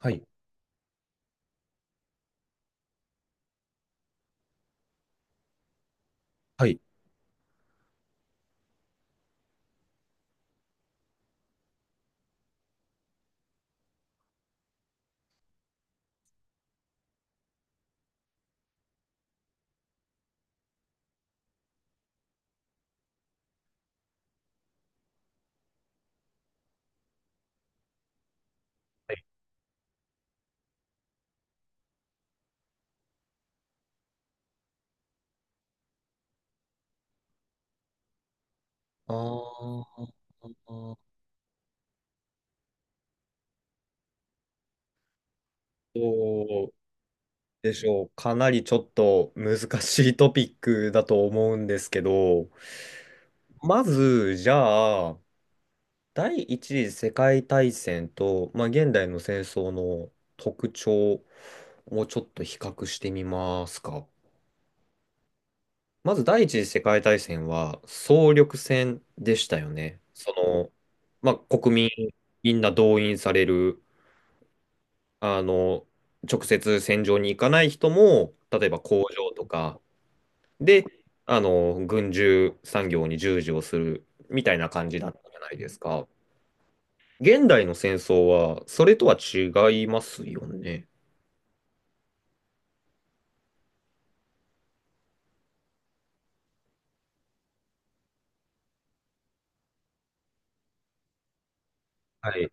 はい。はい。あーどうでしょう。かなりちょっと難しいトピックだと思うんですけど、まず、じゃあ、第一次世界大戦と、まあ、現代の戦争の特徴をちょっと比較してみますか。まず、第一次世界大戦は総力戦でしたよね。その、まあ、国民みんな動員されるあの、直接戦場に行かない人も、例えば工場とかで、軍需産業に従事をするみたいな感じだったじゃないですか。現代の戦争は、それとは違いますよね。はい、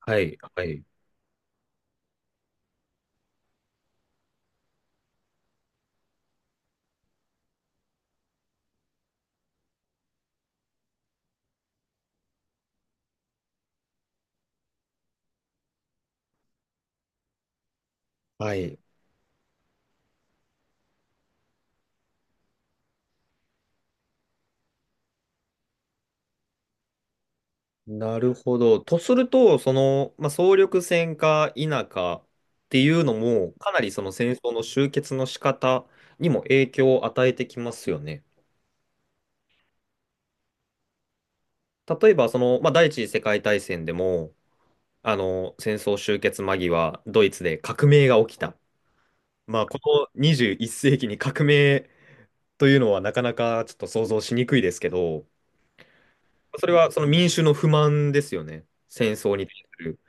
はい、はい。はい。なるほど。とすると、その、まあ、総力戦か否かっていうのも、かなりその戦争の終結の仕方にも影響を与えてきますよね。例えば、その、まあ、第一次世界大戦でも、戦争終結間際、ドイツで革命が起きた。まあ、この21世紀に革命というのはなかなかちょっと想像しにくいですけど、それはその民衆の不満ですよね。戦争に対する。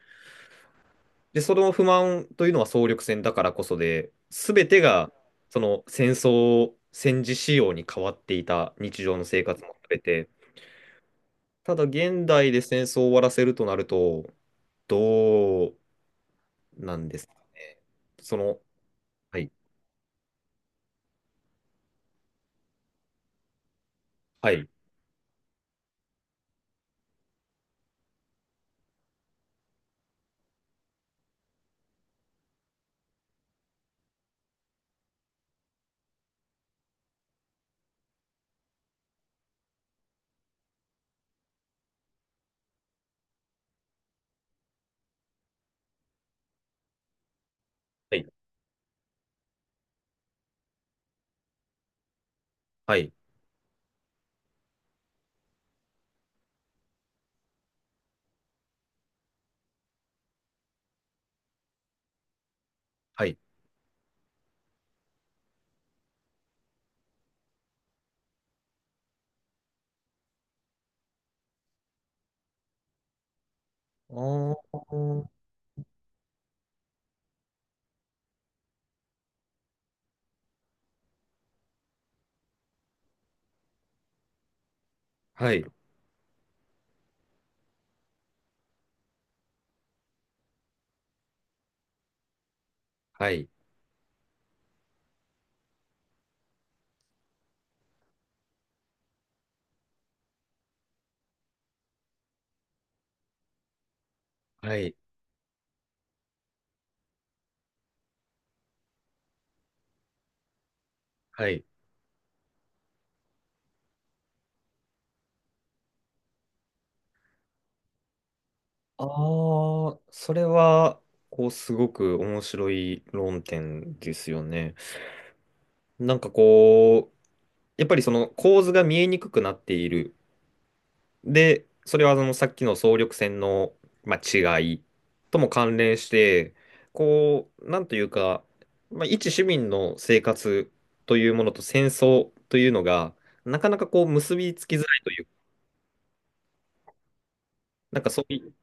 で、その不満というのは総力戦だからこそで、すべてが、その戦争、戦時仕様に変わっていた日常の生活もすべて、ただ現代で戦争を終わらせるとなると、どうなんですかね。その、はい、はい、はい、はい、はい。あーはい、はい、はい、はい。ああ、それは、こう、すごく面白い論点ですよね。なんかこう、やっぱりその構図が見えにくくなっている。で、それはそのさっきの総力戦の、まあ、違いとも関連して、こう、なんというか、まあ、一市民の生活というものと戦争というのが、なかなかこう結びつきづらいという、なんかそういう、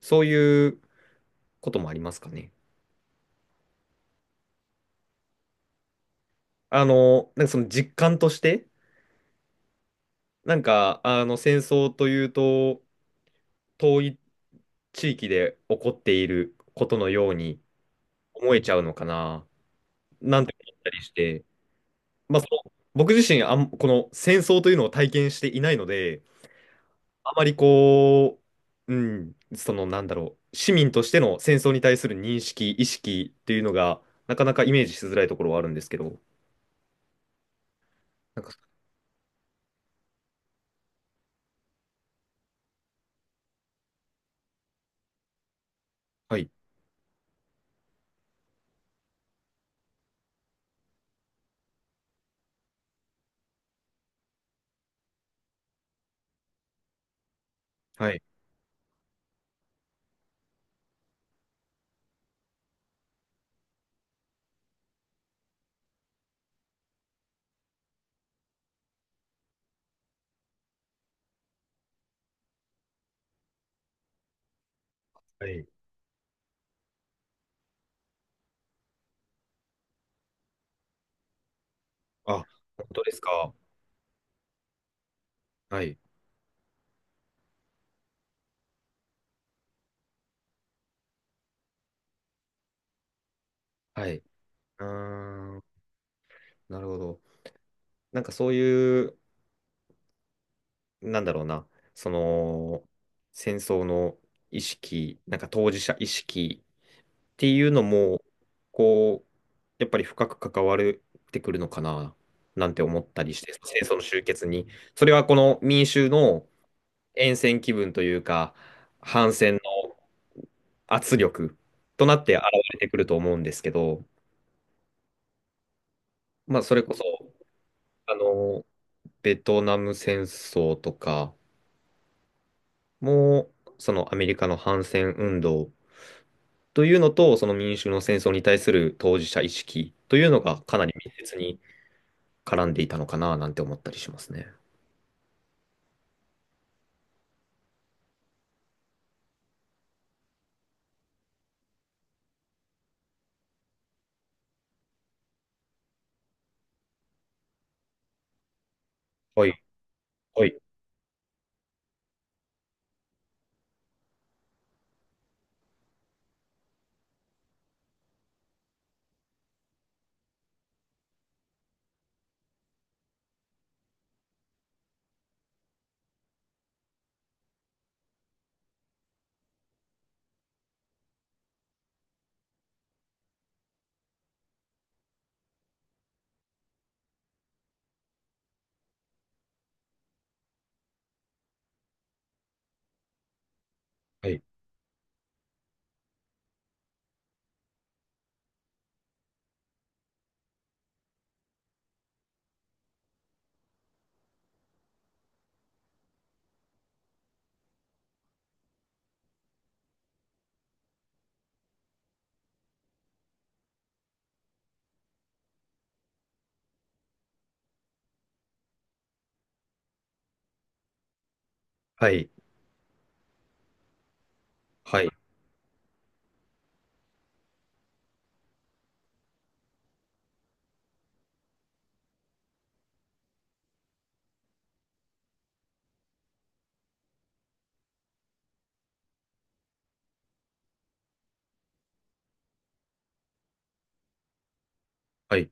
そういうこともありますかね。なんかその実感として、なんか、戦争というと、遠い地域で起こっていることのように思えちゃうのかな、なんて思ったりして。まあ、その僕自身あん、この戦争というのを体験していないので、あまりこう、そのなんだろう、市民としての戦争に対する認識、意識っていうのが、なかなかイメージしづらいところはあるんですけど、なんか、はい、はい、はい。あ、本当ですか。はい、はい。ーん、なるほど。なんかそういう、なんだろうな、その、戦争の意識、なんか当事者意識ていうのも、こう、やっぱり深く関わってくるのかな、なんて思ったりして、戦争の終結に。それはこの民衆の厭戦気分というか、反戦の圧力となって現れてくると思うんですけど、まあ、それこそ、あの、ベトナム戦争とかも、そのアメリカの反戦運動というのと、その民衆の戦争に対する当事者意識というのがかなり密接に絡んでいたのかななんて思ったりしますね。はい、はい、はい、はい、はい、はい、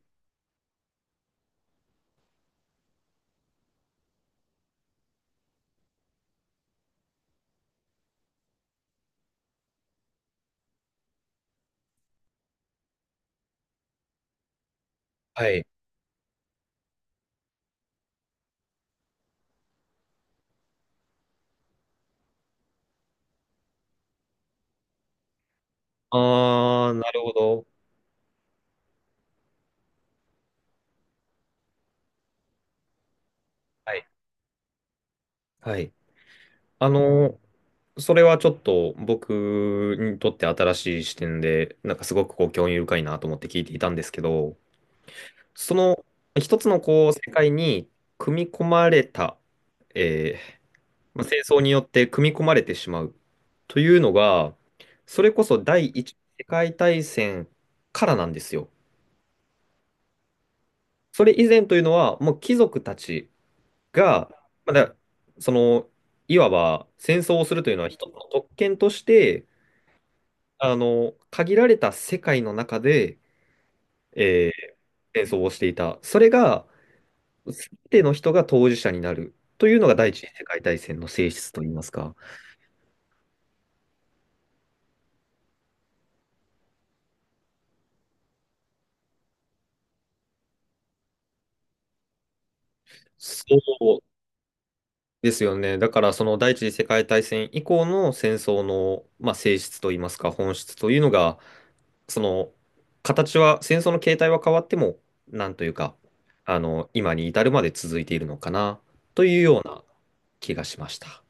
はい。なるほど。はい、はい。あの、それはちょっと僕にとって新しい視点で、なんかすごくこう興味深いなと思って聞いていたんですけど、その一つのこう世界に組み込まれた、えーまあ、戦争によって組み込まれてしまうというのが、それこそ第一次世界大戦からなんですよ。それ以前というのは、もう貴族たちが、まだ、その、いわば戦争をするというのは一つの特権として、限られた世界の中で、えー戦争をしていた。それが、すべての人が当事者になるというのが第一次世界大戦の性質といいますか。そうですよね。だからその第一次世界大戦以降の戦争の、まあ、性質といいますか本質というのがその形は戦争の形態は変わってもなんというか今に至るまで続いているのかなというような気がしました。